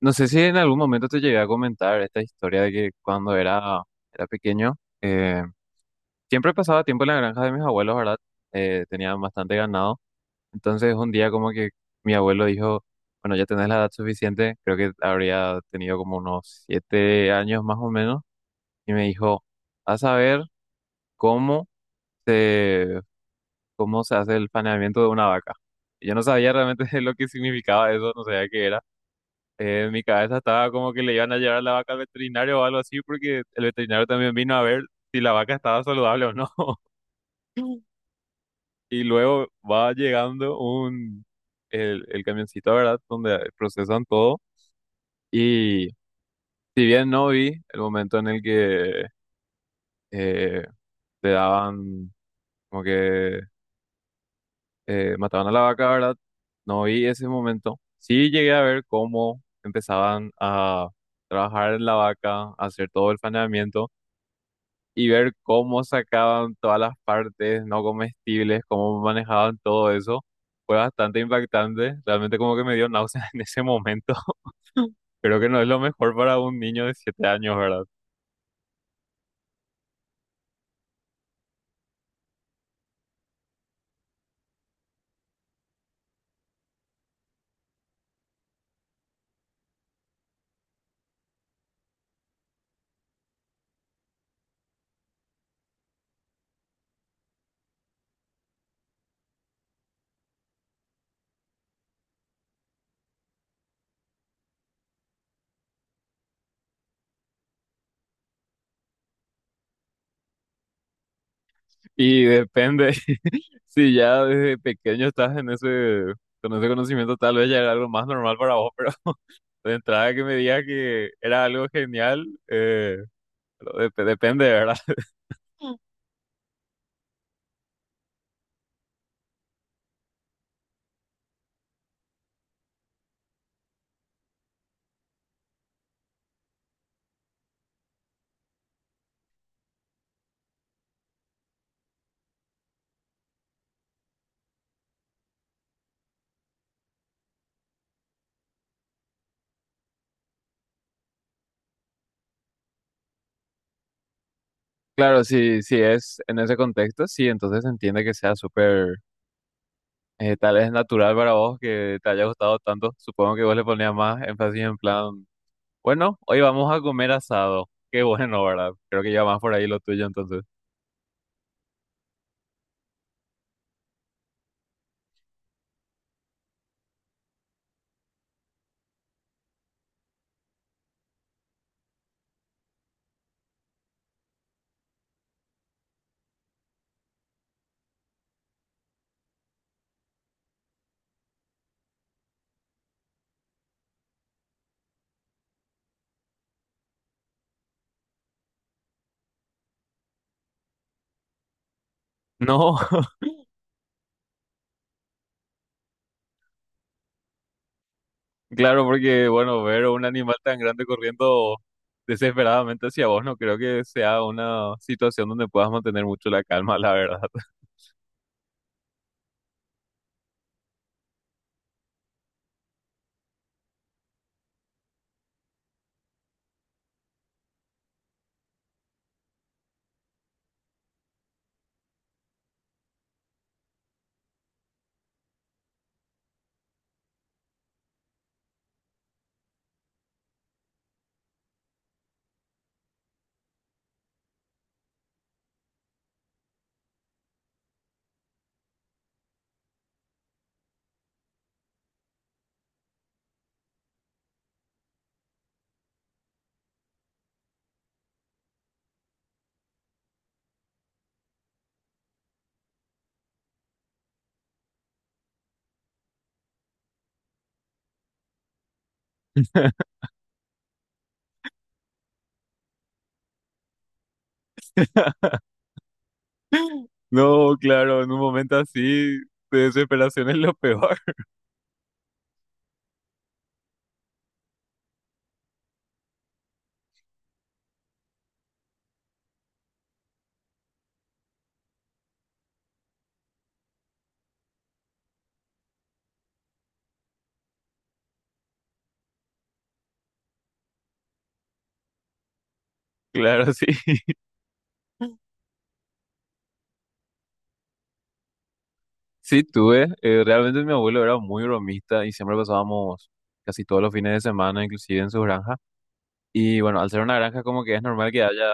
No sé si en algún momento te llegué a comentar esta historia de que cuando era pequeño, eh, siempre pasaba tiempo en la granja de mis abuelos, ¿verdad? Tenían bastante ganado. Entonces un día como que mi abuelo dijo, bueno, ya tenés la edad suficiente, creo que habría tenido como unos 7 años más o menos, y me dijo, vas a ver cómo se, cómo se hace el faenamiento de una vaca. Y yo no sabía realmente lo que significaba eso, no sabía qué era. En mi cabeza estaba como que le iban a llevar la vaca al veterinario o algo así, porque el veterinario también vino a ver si la vaca estaba saludable o no. Y luego va llegando el camioncito, ¿verdad? Donde procesan todo. Y si bien no vi el momento en el que eh, le daban, como que mataban a la vaca, ¿verdad? No vi ese momento. Sí llegué a ver cómo empezaban a trabajar en la vaca, a hacer todo el faenamiento. Y ver cómo sacaban todas las partes no comestibles, cómo manejaban todo eso, fue bastante impactante. Realmente como que me dio náuseas en ese momento. Creo que no es lo mejor para un niño de 7 años, ¿verdad? Y depende, si ya desde pequeño estás en ese, con ese conocimiento, tal vez ya era algo más normal para vos, pero de entrada que me digas que era algo genial, pero depende, ¿verdad? Claro, si es en ese contexto, sí, entonces se entiende que sea súper. Tal vez es natural para vos que te haya gustado tanto. Supongo que vos le ponías más énfasis en plan, bueno, hoy vamos a comer asado. Qué bueno, ¿verdad? Creo que ya más por ahí lo tuyo entonces. No, claro, porque bueno, ver un animal tan grande corriendo desesperadamente hacia vos no creo que sea una situación donde puedas mantener mucho la calma, la verdad. No, claro, en un momento así de desesperación es lo peor. Claro, sí. Sí, tuve. Realmente mi abuelo era muy bromista y siempre pasábamos casi todos los fines de semana, inclusive en su granja. Y bueno, al ser una granja como que es normal que haya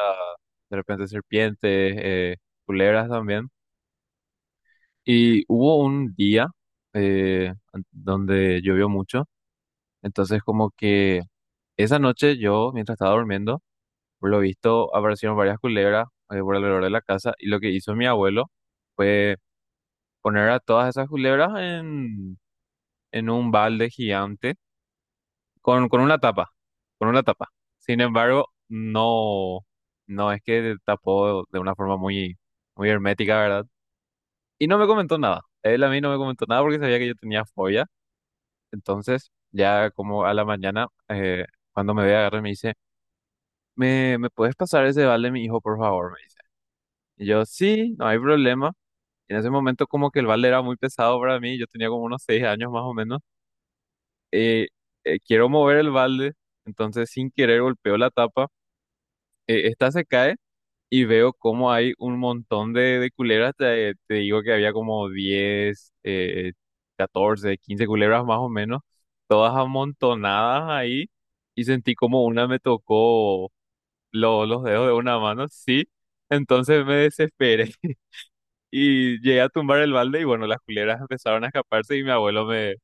de repente serpientes, culebras también. Y hubo un día donde llovió mucho, entonces como que esa noche yo, mientras estaba durmiendo, por lo visto aparecieron varias culebras por alrededor de la casa y lo que hizo mi abuelo fue poner a todas esas culebras en un balde gigante con una tapa, con una tapa. Sin embargo, no es que tapó de una forma muy hermética, ¿verdad? Y no me comentó nada. Él a mí no me comentó nada porque sabía que yo tenía fobia. Entonces, ya como a la mañana, cuando me ve agarrar, me dice, ¿Me puedes pasar ese balde, mi hijo, por favor? Me dice. Y yo, sí, no hay problema. En ese momento como que el balde era muy pesado para mí, yo tenía como unos 6 años más o menos. Eh, Quiero mover el balde, entonces sin querer golpeó la tapa, esta se cae y veo como hay un montón de culebras. Te digo que había como 10 14 15 culebras más o menos, todas amontonadas ahí. Y sentí como una me tocó los dedos de una mano, sí. Entonces me desesperé y llegué a tumbar el balde y bueno, las culebras empezaron a escaparse y mi abuelo me,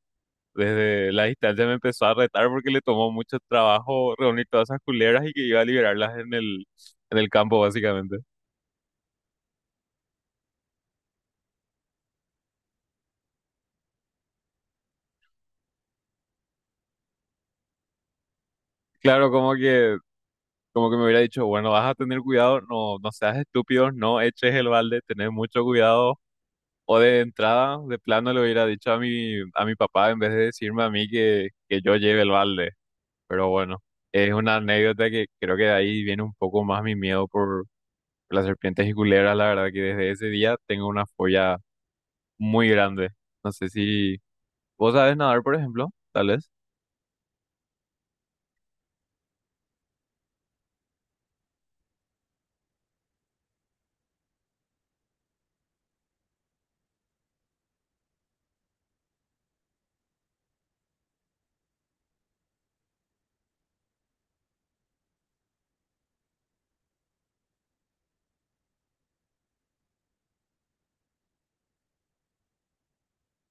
desde la distancia me empezó a retar porque le tomó mucho trabajo reunir todas esas culebras y que iba a liberarlas en en el campo, básicamente. Claro, como que me hubiera dicho, bueno, vas a tener cuidado, no, no seas estúpido, no eches el balde, tenés mucho cuidado. O de entrada, de plano le hubiera dicho a a mi papá en vez de decirme a mí que yo lleve el balde. Pero bueno, es una anécdota que creo que de ahí viene un poco más mi miedo por las serpientes y culebras. La verdad que desde ese día tengo una fobia muy grande. No sé si vos sabes nadar, por ejemplo, tal vez.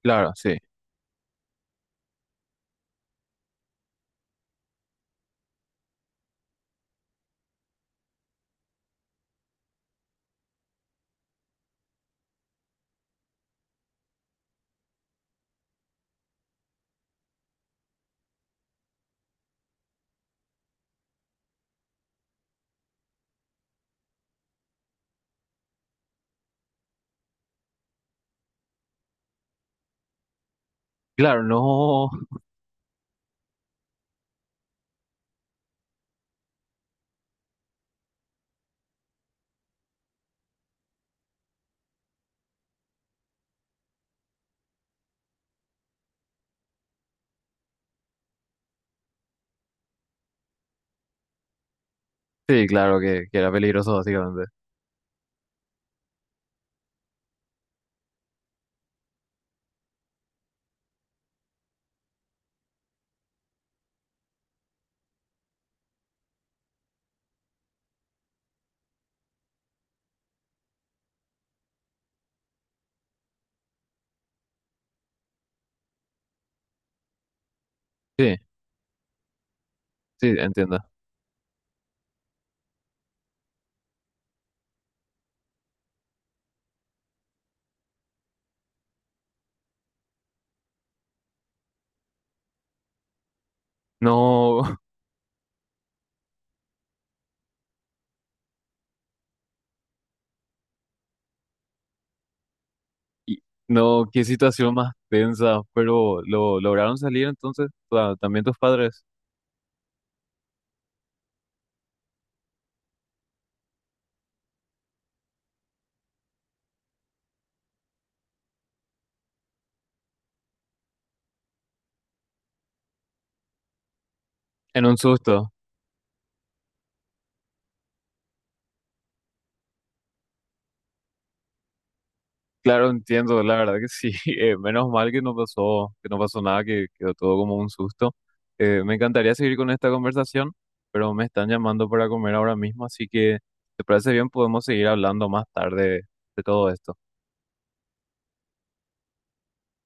Claro, sí. Claro, no. Sí, claro que era peligroso, básicamente. Sí, sí, entiendo. No, y- no, qué situación más tensa, pero lo lograron salir entonces, o sea, también tus padres, en un susto. Claro, entiendo, la verdad que sí. Menos mal que no pasó nada, que quedó todo como un susto. Me encantaría seguir con esta conversación, pero me están llamando para comer ahora mismo, así que, ¿te parece bien? Podemos seguir hablando más tarde de todo esto.